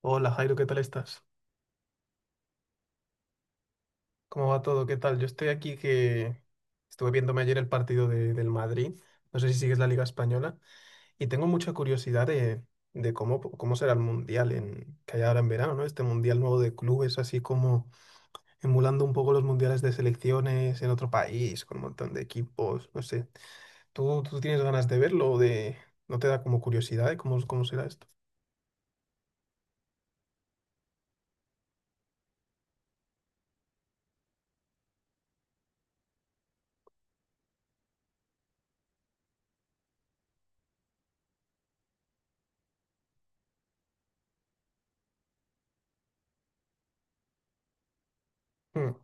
Hola, Jairo, ¿qué tal estás? ¿Cómo va todo? ¿Qué tal? Yo estoy aquí que estuve viéndome ayer el partido del Madrid. No sé si sigues la Liga Española y tengo mucha curiosidad de cómo, cómo será el Mundial que hay ahora en verano, ¿no? Este Mundial nuevo de clubes, así como emulando un poco los mundiales de selecciones en otro país, con un montón de equipos, no sé. ¿Tú tienes ganas de verlo no te da como curiosidad de cómo, cómo será esto? Mm.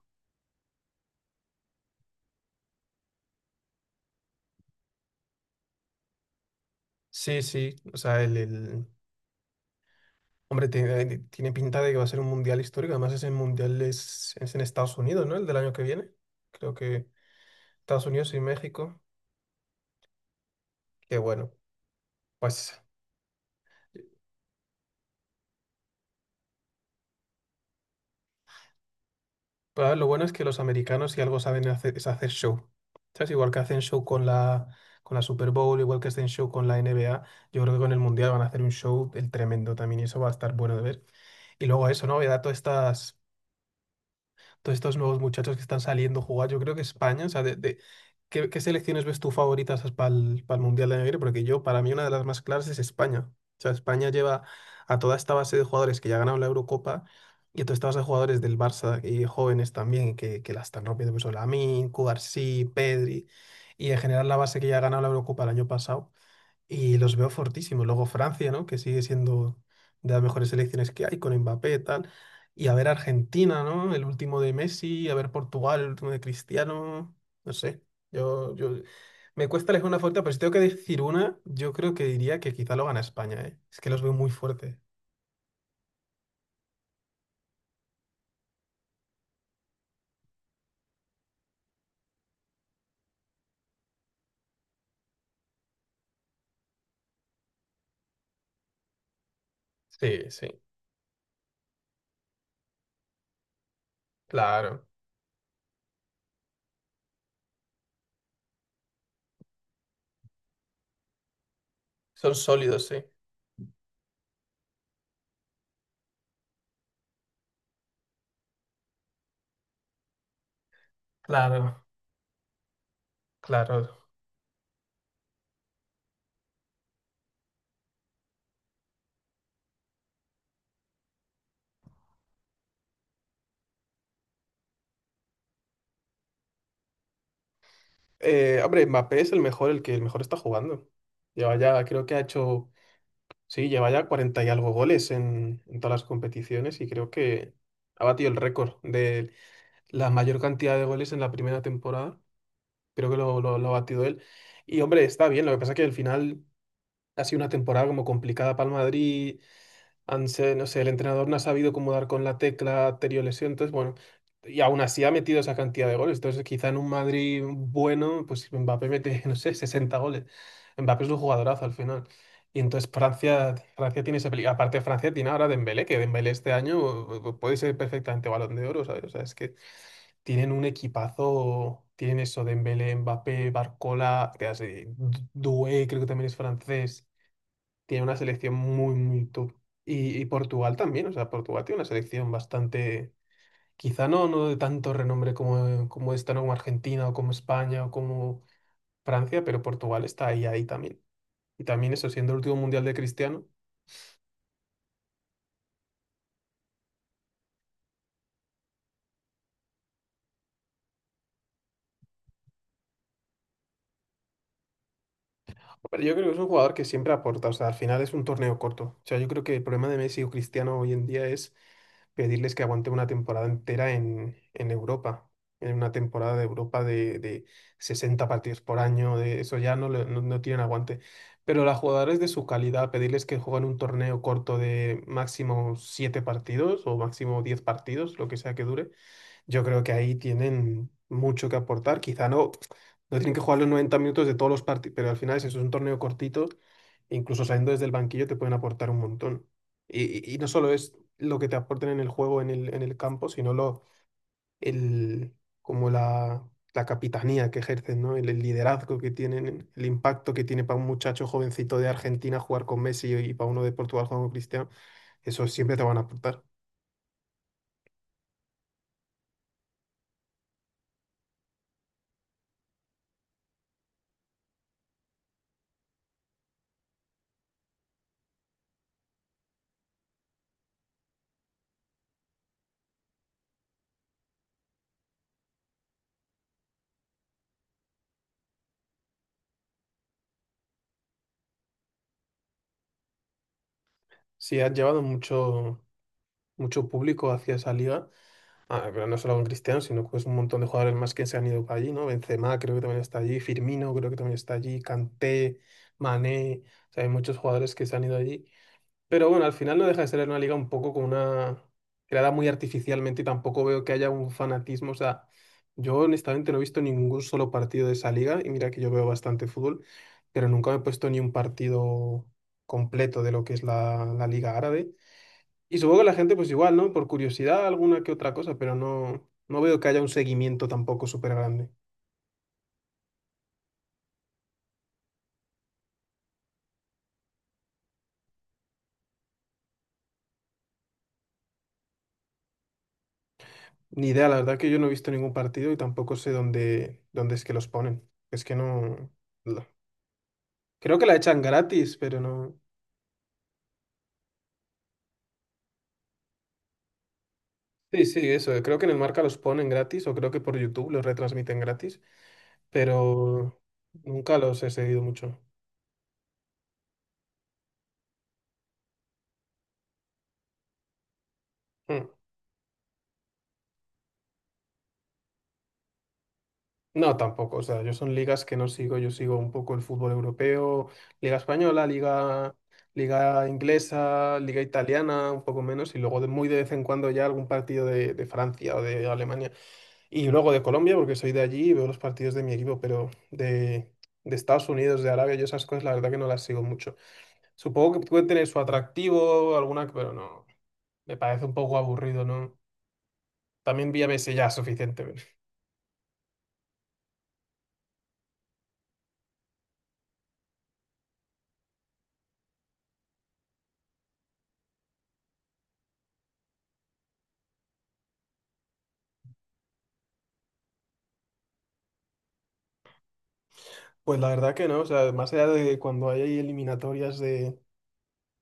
Sí, sí, o sea, el- Hombre, tiene pinta de que va a ser un mundial histórico. Además, ese mundial es en Estados Unidos, ¿no? El del año que viene. Creo que Estados Unidos y México. Qué bueno. Pues, pues, a ver, lo bueno es que los americanos, si algo saben hacer, es hacer show. ¿Sabes? Igual que hacen show con con la Super Bowl, igual que hacen show con la NBA, yo creo que con el mundial van a hacer un show el tremendo también y eso va a estar bueno de ver. Y luego eso, ¿no? Voy a dar todas estas. Todos estos nuevos muchachos que están saliendo a jugar. Yo creo que España, o sea, de- ¿qué selecciones ves tú favoritas para el Mundial de Negri? Porque yo, para mí, una de las más claras es España. O sea, España lleva a toda esta base de jugadores que ya ganaron la Eurocopa y a toda esta base de jugadores del Barça y jóvenes también que la están rompiendo, pues Lamine, Cubarsí, Pedri y en general la base que ya ha ganado la Eurocopa el año pasado. Y los veo fortísimos. Luego Francia, ¿no? Que sigue siendo de las mejores selecciones que hay, con Mbappé y tal. Y a ver Argentina, ¿no? El último de Messi, a ver Portugal, el último de Cristiano. No sé. Yo... Me cuesta elegir una fuerte, pero si tengo que decir una, yo creo que diría que quizá lo gana España, ¿eh? Es que los veo muy fuertes. Sí, sí, claro. Son sólidos, sí. Claro, claro. Hombre, Mbappé es el mejor, el que el mejor está jugando. Lleva ya, creo que ha hecho... Sí, lleva ya 40 y algo goles en todas las competiciones y creo que ha batido el récord de la mayor cantidad de goles en la primera temporada. Creo que lo ha batido él. Y hombre, está bien, lo que pasa es que al final ha sido una temporada como complicada para el Madrid, han se- no sé, el entrenador no ha sabido cómo dar con la tecla anterior lesión, entonces bueno, y aún así ha metido esa cantidad de goles, entonces quizá en un Madrid bueno, pues Mbappé mete, no sé, 60 goles. Mbappé es un jugadorazo al final. Y entonces Francia tiene esa peli- Aparte Francia tiene ahora Dembélé, que Dembélé este año puede ser perfectamente Balón de Oro, ¿sabes? O sea, es que tienen un equipazo, tienen eso, Dembélé, Mbappé, Barcola, que hace- Du- Doué, creo que también es francés, tiene una selección muy, muy top. Y Portugal también, o sea, Portugal tiene una selección bastante, quizá no de tanto renombre como, como esta, ¿no? Como Argentina o como España o como Francia, pero Portugal está ahí, ahí también. Y también eso, siendo el último mundial de Cristiano. Pero yo creo que es un jugador que siempre aporta, o sea, al final es un torneo corto. O sea, yo creo que el problema de Messi o Cristiano hoy en día es pedirles que aguante una temporada entera en Europa, en una temporada de Europa de 60 partidos por año, de eso ya no, le- no, no tienen aguante. Pero a jugadores de su calidad, pedirles que jueguen un torneo corto de máximo 7 partidos o máximo 10 partidos, lo que sea que dure, yo creo que ahí tienen mucho que aportar. Quizá no, no tienen que jugar los 90 minutos de todos los partidos, pero al final es eso, es un torneo cortito. E incluso saliendo desde el banquillo te pueden aportar un montón. Y, y no solo es lo que te aporten en el juego, en el campo, sino lo, el, como la capitanía que ejercen, ¿no? El liderazgo que tienen, el impacto que tiene para un muchacho jovencito de Argentina jugar con Messi y para uno de Portugal jugar con Cristiano, eso siempre te van a aportar. Sí, han llevado mucho público hacia esa liga. Ah, pero no solo con Cristiano, sino que es un montón de jugadores más que se han ido para allí, ¿no? Benzema creo que también está allí, Firmino creo que también está allí, Kanté, Mané, o sea, hay muchos jugadores que se han ido allí. Pero bueno, al final no deja de ser una liga un poco con una... creada muy artificialmente y tampoco veo que haya un fanatismo, o sea, yo honestamente no he visto ningún solo partido de esa liga y mira que yo veo bastante fútbol, pero nunca me he puesto ni un partido completo de lo que es la liga árabe. Y supongo que la gente, pues igual, ¿no? Por curiosidad, alguna que otra cosa, pero no, no veo que haya un seguimiento tampoco súper grande. Ni idea, la verdad que yo no he visto ningún partido y tampoco sé dónde, dónde es que los ponen. Es que no, no. Creo que la echan gratis, pero no. Sí, sí, eso. Creo que en el Marca los ponen gratis o creo que por YouTube los retransmiten gratis, pero nunca los he seguido mucho. Mm. No, tampoco. O sea, yo son ligas que no sigo. Yo sigo un poco el fútbol europeo, liga española, liga inglesa, liga italiana, un poco menos, y luego muy de vez en cuando ya algún partido de Francia o de Alemania. Y luego de Colombia, porque soy de allí y veo los partidos de mi equipo, pero de Estados Unidos, de Arabia, yo esas cosas la verdad que no las sigo mucho. Supongo que puede tener su atractivo, alguna, pero no. Me parece un poco aburrido, ¿no? También vi a Messi ya suficiente. Pues la verdad que no, o sea, más allá de cuando hay eliminatorias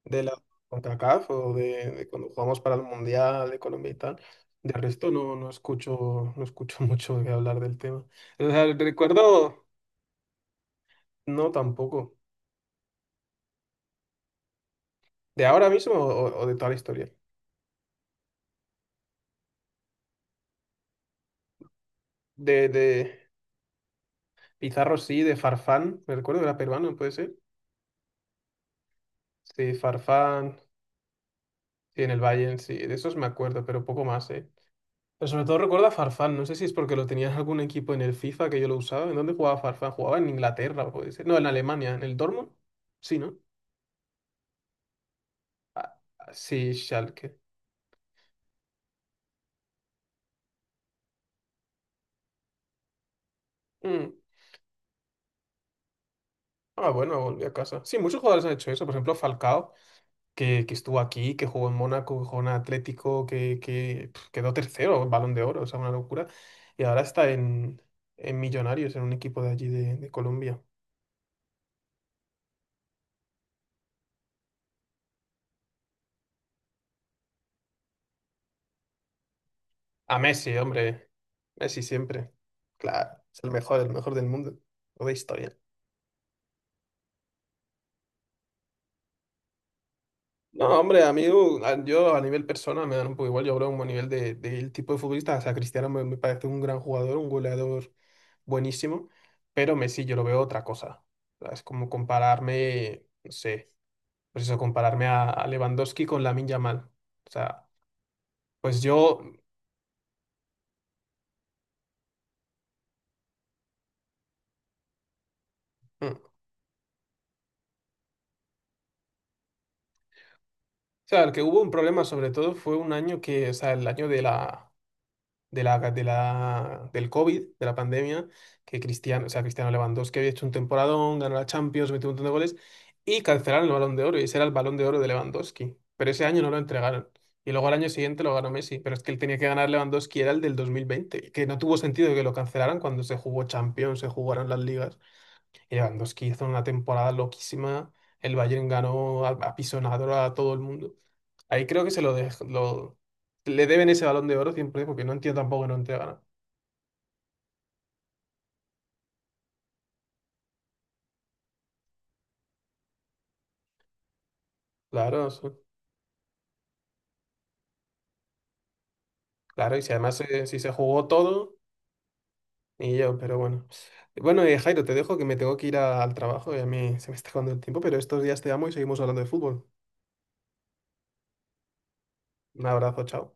de la CONCACAF o de cuando jugamos para el Mundial de Colombia y tal, de resto no, no escucho, no escucho mucho que hablar del tema. O sea, recuerdo, no tampoco. ¿De ahora mismo o de toda la historia? De Pizarro sí, de Farfán, me recuerdo que era peruano, ¿puede ser? Sí, Farfán, sí, en el Bayern, sí, de esos me acuerdo, pero poco más, ¿eh? Pero sobre todo recuerda a Farfán, no sé si es porque lo tenías algún equipo en el FIFA que yo lo usaba. ¿En dónde jugaba Farfán? Jugaba en Inglaterra, puede ser. No, en Alemania, en el Dortmund. Sí, ¿no? Ah, sí, Schalke. Mm. Ah, bueno, volví a casa. Sí, muchos jugadores han hecho eso. Por ejemplo, Falcao, que estuvo aquí, que jugó en Mónaco, que jugó en Atlético, que pf, quedó tercero, Balón de Oro, o sea, una locura. Y ahora está en Millonarios, en un equipo de allí de Colombia. A Messi, hombre. Messi siempre. Claro, es el mejor del mundo. O de historia. No, hombre, a mí, a- yo a nivel persona me dan un poco igual. Yo hablo como a nivel del tipo de futbolista. O sea, Cristiano me parece un gran jugador, un goleador buenísimo, pero Messi yo lo veo otra cosa. O sea, es como compararme, no sé, pues eso, compararme a Lewandowski con Lamine Yamal. O sea, pues yo. Mm. O sea, el que hubo un problema sobre todo fue un año que, o sea, el año de la. De la del COVID, de la pandemia, que Cristiano, o sea, Cristiano Lewandowski había hecho un temporadón, ganó la Champions, metió un montón de goles, y cancelaron el Balón de Oro, y ese era el Balón de Oro de Lewandowski. Pero ese año no lo entregaron. Y luego al año siguiente lo ganó Messi, pero es que él tenía que ganar Lewandowski, era el del 2020, que no tuvo sentido que lo cancelaran cuando se jugó Champions, se jugaron las ligas. Lewandowski hizo una temporada loquísima. El Bayern ganó a pisonador a todo el mundo. Ahí creo que se lo, le deben ese balón de oro siempre, porque no entiendo tampoco que no entregaran. Claro, eso- claro, y si además si se jugó todo, y yo, pero bueno. Bueno, Jairo, te dejo que me tengo que ir al trabajo y a mí se me está acabando el tiempo, pero estos días te amo y seguimos hablando de fútbol. Un abrazo, chao.